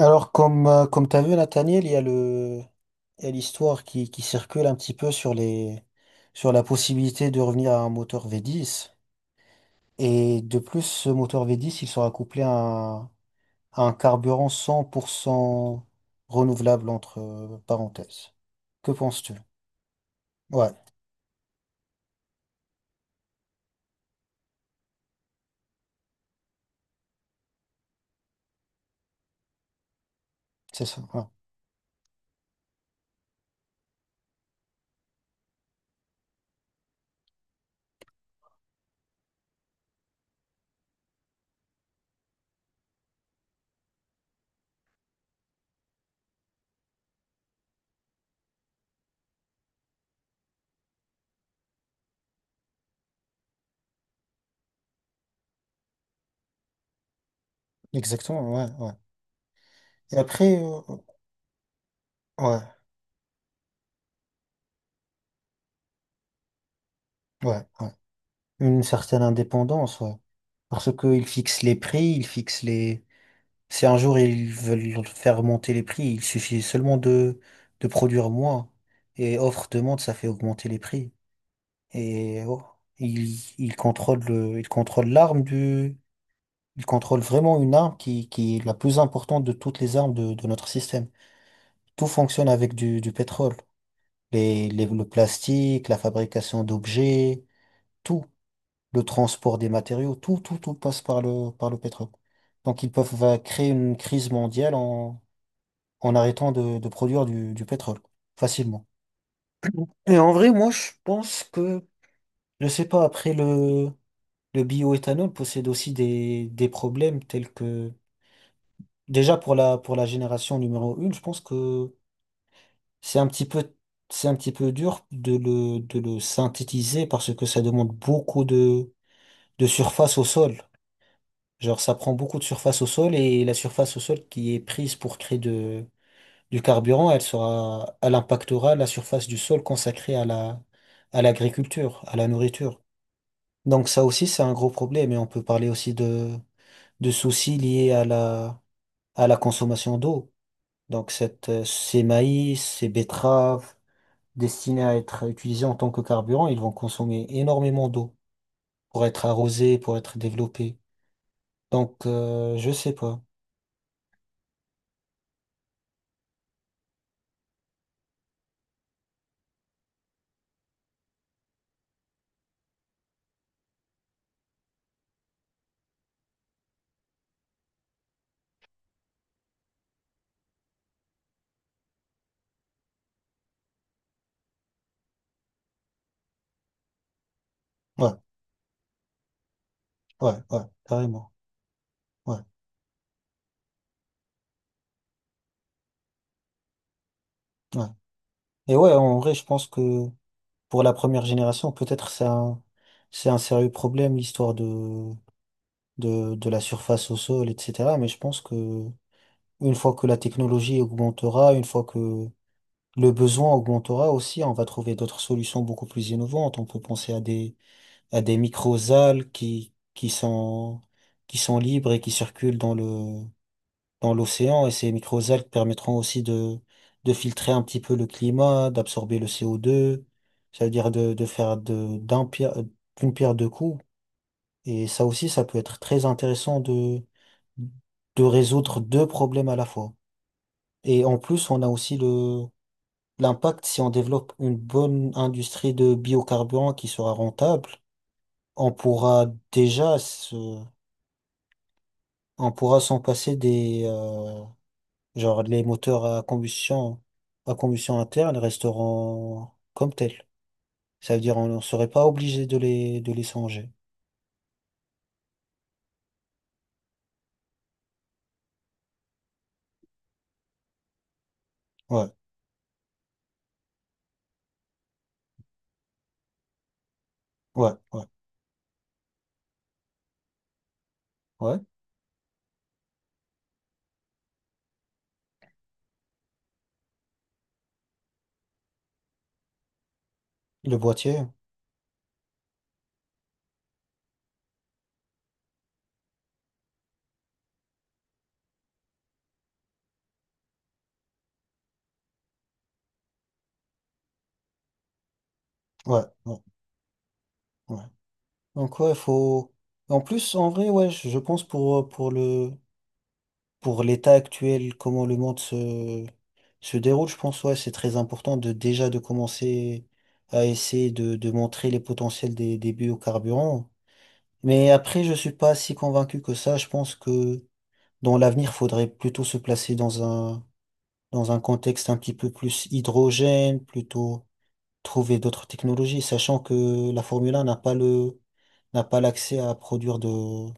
Alors, comme tu as vu, Nathaniel, il y a l'histoire qui circule un petit peu sur la possibilité de revenir à un moteur V10. Et de plus, ce moteur V10 il sera couplé à un carburant 100% renouvelable, entre parenthèses. Que penses-tu? Ouais, c'est ça, ouais. Exactement, ouais, ouais. Et après, ouais, ouais, ouais. Une certaine indépendance, ouais. Parce qu'il fixe les prix. Il fixe les Si un jour ils veulent faire monter les prix, il suffit seulement de produire moins. Et offre-demande, ça fait augmenter les prix. Et oh, il contrôle le, il contrôle l'arme du, il contrôle vraiment une arme qui est la plus importante de toutes les armes de notre système. Tout fonctionne avec du pétrole. Le plastique, la fabrication d'objets, tout. Le transport des matériaux, tout, tout, tout passe par le pétrole. Donc ils peuvent créer une crise mondiale en arrêtant de produire du pétrole facilement. Et en vrai, moi, je pense que, je sais pas, après le bioéthanol possède aussi des problèmes tels que, déjà pour la génération numéro une. Je pense que c'est un petit peu, c'est un petit peu dur de le synthétiser parce que ça demande beaucoup de surface au sol. Genre, ça prend beaucoup de surface au sol, et la surface au sol qui est prise pour créer de du carburant, elle impactera la surface du sol consacrée à l'agriculture, à la nourriture. Donc ça aussi, c'est un gros problème, et on peut parler aussi de soucis liés à la consommation d'eau. Donc ces maïs, ces betteraves destinés à être utilisés en tant que carburant, ils vont consommer énormément d'eau pour être arrosés, pour être développés. Donc je sais pas. Ouais, ouais, ouais, carrément. Ouais, ouais. Et ouais, en vrai, je pense que pour la première génération, peut-être c'est un sérieux problème, l'histoire de la surface au sol, etc. Mais je pense que une fois que la technologie augmentera, une fois que le besoin augmentera aussi, on va trouver d'autres solutions beaucoup plus innovantes. On peut penser à des microalgues qui sont libres et qui circulent dans l'océan, et ces microalgues permettront aussi de filtrer un petit peu le climat, d'absorber le CO2. Ça veut dire de faire d'une pierre deux coups. Et ça aussi, ça peut être très intéressant de résoudre deux problèmes à la fois. Et en plus, on a aussi l'impact: si on développe une bonne industrie de biocarburants qui sera rentable, on pourra déjà se, on pourra s'en passer. Genre, les moteurs à combustion, interne resteront comme tels. Ça veut dire on ne serait pas obligé de les changer. Ouais, ouais, ouais, ouais. Le boîtier, ouais, ouais, ouais. Donc ouais, faut. En plus, en vrai, ouais, je pense pour l'état actuel, comment le monde se déroule. Je pense, ouais, c'est très important de déjà de commencer à essayer de montrer les potentiels des biocarburants. Mais après, je suis pas si convaincu que ça. Je pense que dans l'avenir, faudrait plutôt se placer dans un contexte un petit peu plus hydrogène, plutôt trouver d'autres technologies, sachant que la Formule 1 n'a pas l'accès à produire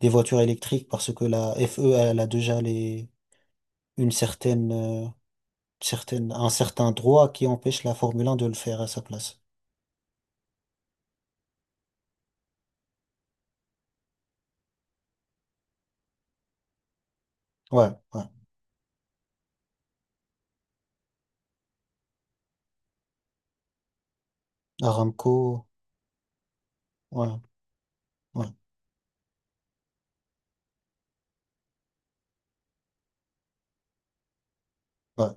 des voitures électriques, parce que la FE, elle a déjà les, une certaine, certaine, un certain droit qui empêche la Formule 1 de le faire à sa place. Ouais, ouais. Aramco, ouais, ouais, ouais.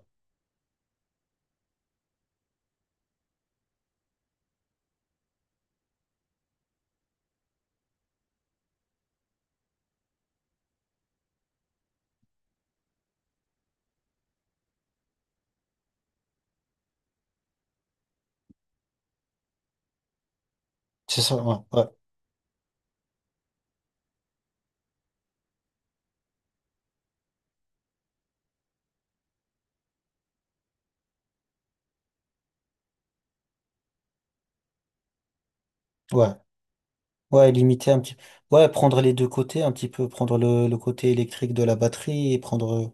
C'est ça, ouais, ouais, ouais. Ouais, limiter un petit ouais, prendre les deux côtés, un petit peu, prendre le côté électrique de la batterie et prendre.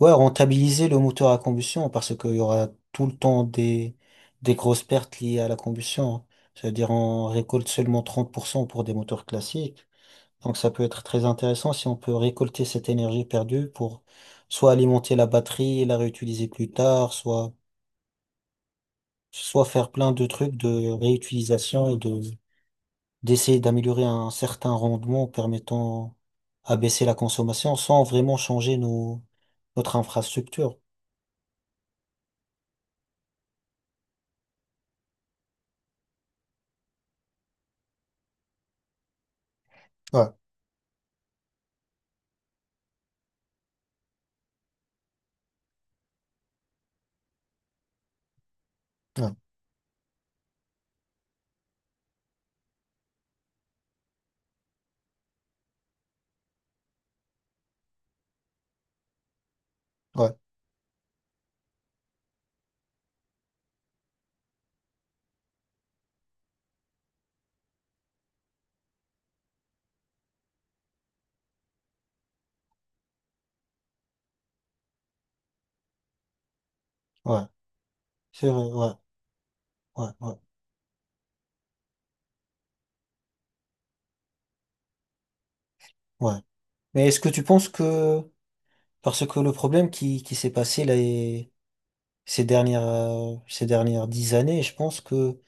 Ouais, rentabiliser le moteur à combustion parce qu'il y aura tout le temps des grosses pertes liées à la combustion, hein. C'est-à-dire, on récolte seulement 30% pour des moteurs classiques. Donc, ça peut être très intéressant si on peut récolter cette énergie perdue pour soit alimenter la batterie et la réutiliser plus tard, soit faire plein de trucs de réutilisation et d'essayer d'améliorer un certain rendement en permettant à baisser la consommation sans vraiment changer notre infrastructure. Ouais, ouais, ouais, ouais. C'est vrai, ouais, ouais, ouais, ouais. Mais est-ce que tu penses que, parce que le problème qui s'est passé là, et ces dernières 10 années, je pense que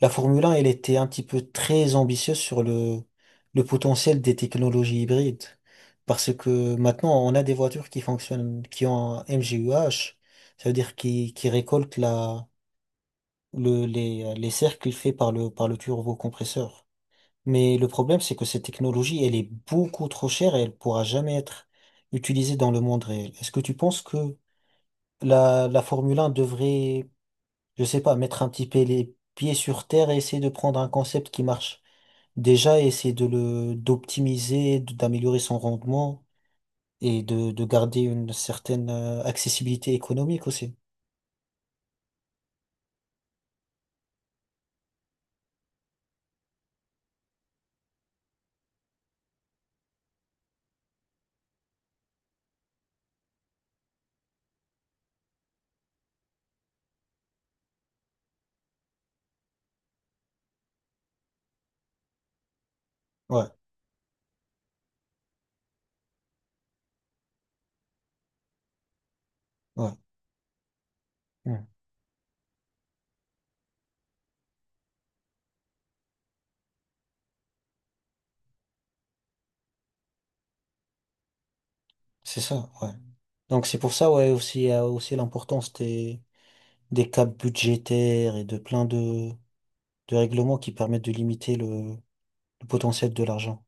la Formule 1, elle était un petit peu très ambitieuse sur le potentiel des technologies hybrides? Parce que maintenant, on a des voitures qui fonctionnent, qui ont un MGUH, ça veut dire qui récoltent les cercles faits par le turbocompresseur. Mais le problème, c'est que cette technologie, elle est beaucoup trop chère et elle pourra jamais être utilisée dans le monde réel. Est-ce que tu penses que la Formule 1 devrait, je sais pas, mettre un petit peu les pieds sur terre et essayer de prendre un concept qui marche? Déjà, essayer d'optimiser, d'améliorer son rendement et de garder une certaine accessibilité économique aussi. Ouais, ouais, ouais. C'est ça, ouais. Donc c'est pour ça, ouais, aussi, il y a aussi l'importance des caps budgétaires et de plein de règlements qui permettent de limiter le potentiel de l'argent.